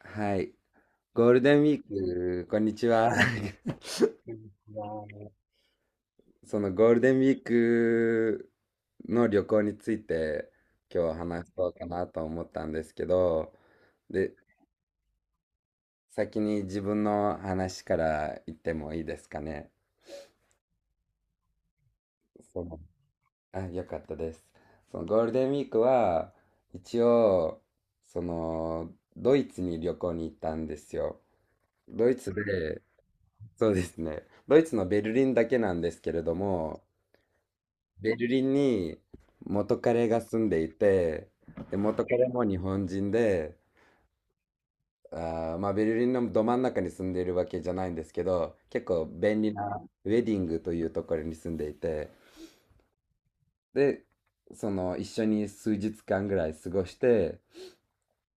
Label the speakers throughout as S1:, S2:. S1: はい。ゴールデンウィーク、こんにちは。そのゴールデンウィークの旅行について今日話そうかなと思ったんですけど、で、先に自分の話から言ってもいいですかね。その、あ、よかったです。そのゴールデンウィークは一応、ドイツに旅行に行ったんですよ。ドイツで、そうですね。ドイツのベルリンだけなんですけれども、ベルリンに元彼が住んでいて、で、元彼も日本人で、まあ、ベルリンのど真ん中に住んでいるわけじゃないんですけど、結構便利なウェディングというところに住んでいて、で、一緒に数日間ぐらい過ごして、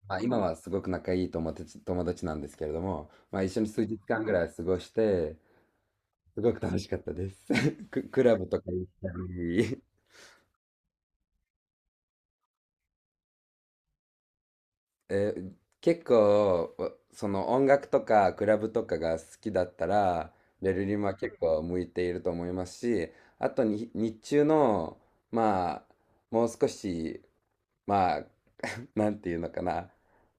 S1: まあ、今はすごく仲いい友達なんですけれども、まあ、一緒に数日間ぐらい過ごして、すごく楽しかったです。クラブとか行ったり、結構その音楽とかクラブとかが好きだったらベルリンは結構向いていると思いますし、あとに日中のまあ、もう少し、まあ、 なんていうのかな、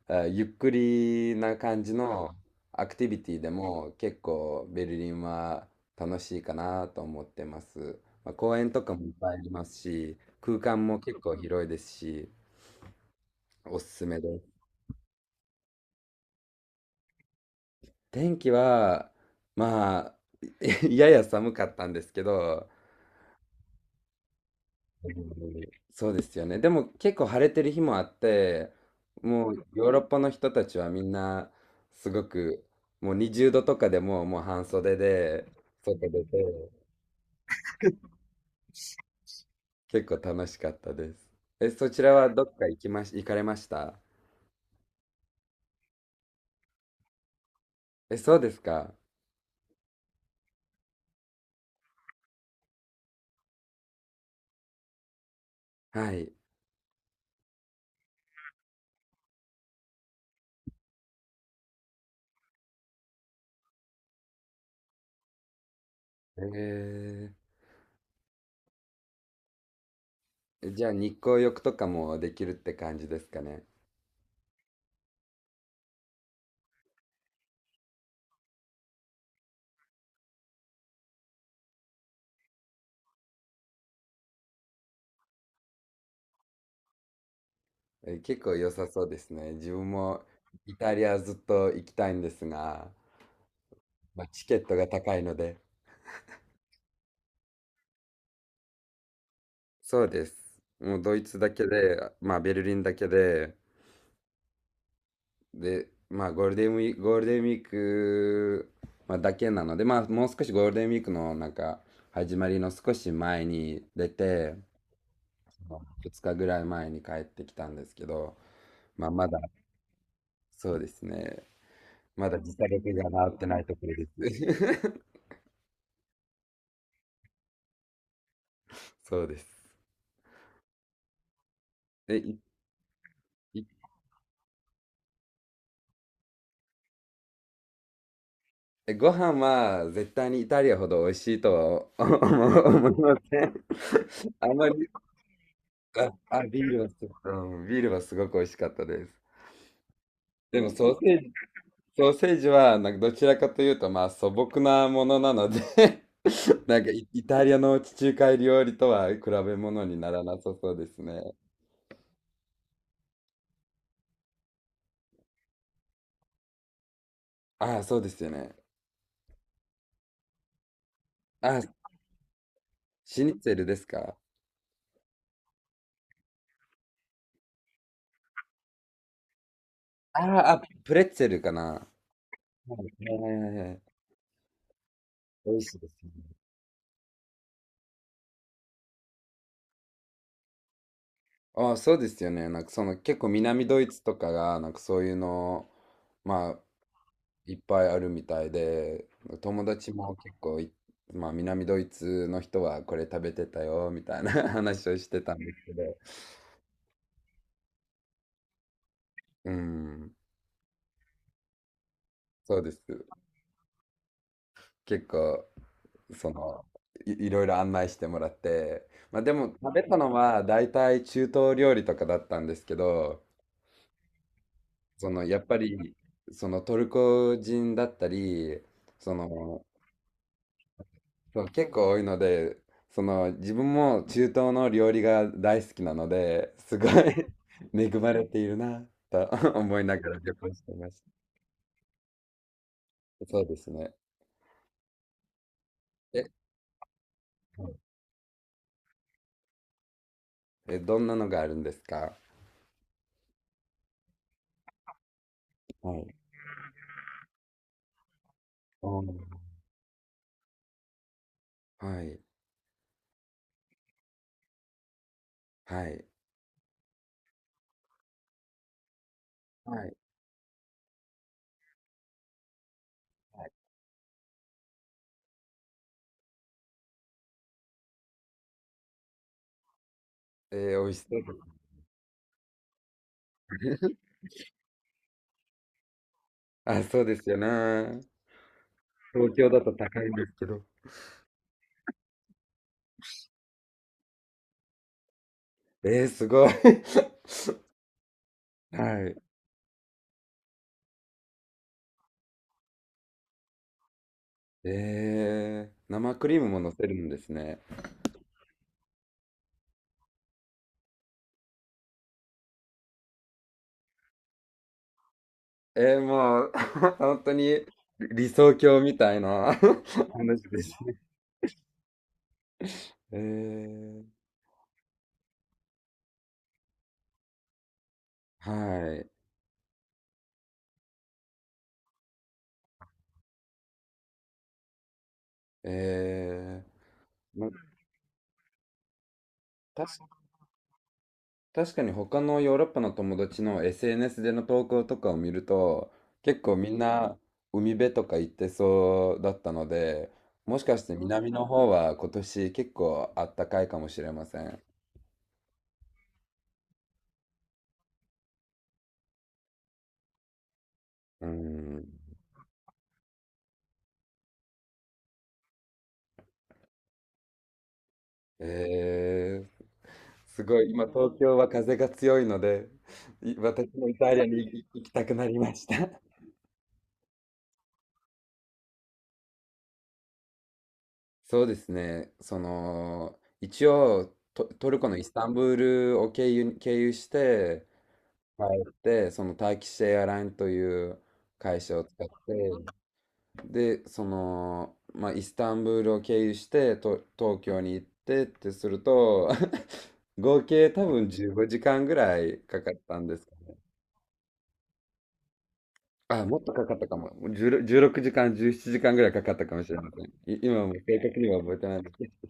S1: ゆっくりな感じのアクティビティでも結構ベルリンは楽しいかなと思ってます。まあ、公園とかもいっぱいありますし、空間も結構広いですし、おすすめです。天気は、まあ、やや寒かったんですけど、そうですよね。でも結構晴れてる日もあって、もうヨーロッパの人たちはみんなすごく、もう20度とかで、もう半袖で外出て結構楽しかったです。え、そちらはどっか行かれました？え、そうですか。はい。えじゃあ日光浴とかもできるって感じですかね。え、結構良さそうですね。自分もイタリアずっと行きたいんですが、まあ、チケットが高いので。そうです。もうドイツだけで、まあベルリンだけで、で、まあゴールデンウィーク、ゴールデンウィーク、まあ、だけなので、まあもう少しゴールデンウィークのなんか始まりの少し前に出て、2日ぐらい前に帰ってきたんですけど、まあまだ、そうですね。まだ実力が治ってないところです。そうです。え、いいえご飯は絶対にイタリアほど美味しいとはお 思いません。あまり、あ、ビールはすごく、ビールはすごく美味しかったです。でもソーセージはなんかどちらかというとまあ素朴なものなので、 なんかイタリアの地中海料理とは比べ物にならなさそうですね。ああ、そうですよね。ああ、シニッツェルですか？ああ、あプレッツェルかな。はいはいはいはい。美味しいですね。ああ、そうですよね。なんかその結構南ドイツとかがなんかそういうの、まあいっぱいあるみたいで、友達も結構まあ南ドイツの人はこれ食べてたよみたいな、 話をしてたんですけど、うん、そうです。結構そのいろいろ案内してもらって、まあでも食べたのは大体中東料理とかだったんですけど、やっぱりそのトルコ人だったり、そのそう結構多いので、自分も中東の料理が大好きなので、すごい、 恵まれているなと、 思いながら旅行してました。そうですね。え、はい。どんなのがあるんですか？はい。おー、はい。はい。はい。美味しそうです。あ、そうですよね。東京だと高いんですけど。すごい。はい。生クリームも乗せるんですね。もう、 本当に理想郷みたいな、 話ですね。えー、はい。えー、ま、たし、確かに他のヨーロッパの友達の SNS での投稿とかを見ると、結構みんな海辺とか行ってそうだったので、もしかして南の方は今年結構あったかいかもしれません。うん。ええ、すごい、今東京は風が強いので、私もイタリアに行きたくなりました。そうですね、一応トルコのイスタンブールを経由して、帰って、そのターキッシュエアラインという会社を使って、で、まあ、イスタンブールを経由して、東京に行ってってすると、合計多分15時間ぐらいかかったんです。あ、もっとかかったかも。16 1時間、17時間ぐらいかかったかもしれません。今はもう正確には覚えてないですけど。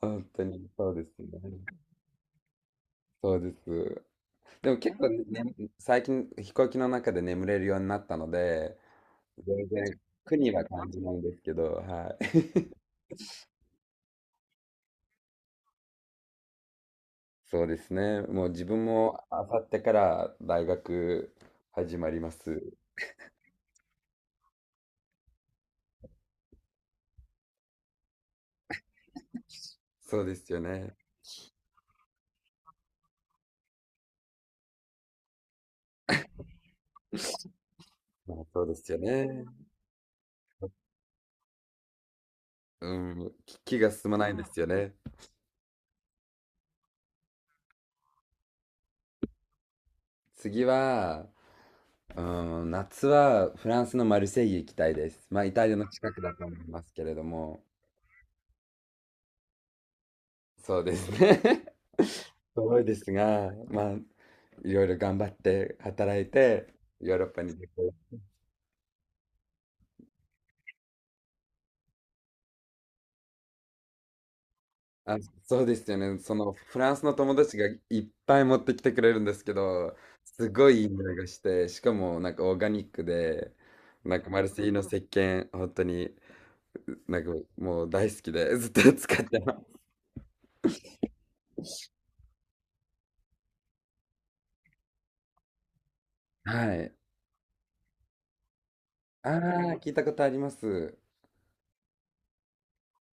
S1: 本当にそうですね。そうです。でも結構ね最近飛行機の中で眠れるようになったので、全然苦には感じないんですけど、はい。そうですね。もう自分もあさってから大学始まります。そうですよね。まあ、そうですよね。うん、気が進まないんですよね。次は、夏はフランスのマルセイユ行きたいです。まあ、イタリアの近くだと思いますけれども、そうですね。遠いですが、まあ、いろいろ頑張って働いて、ヨーロッパに旅行。あ、そうですよね。そのフランスの友達がいっぱい持ってきてくれるんですけど、すごいいい匂いがして、しかもなんかオーガニックで、なんかマルセイユの石鹸、本当になんかもう大好きでずっと使ってます。はい。ああ、聞いたことあります。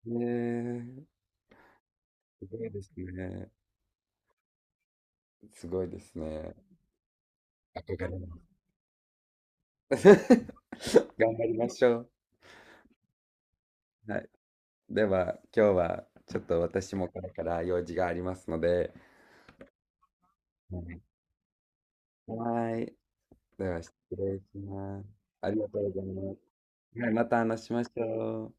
S1: ねえ、すごいですね。すごいですね。憧れます。頑張りましょう。はい。では、今日はちょっと私もこれから用事がありますので、はい。はい。では、失礼します。ありがとうございます。はい、また話しましょう。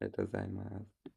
S1: ありがとうございます。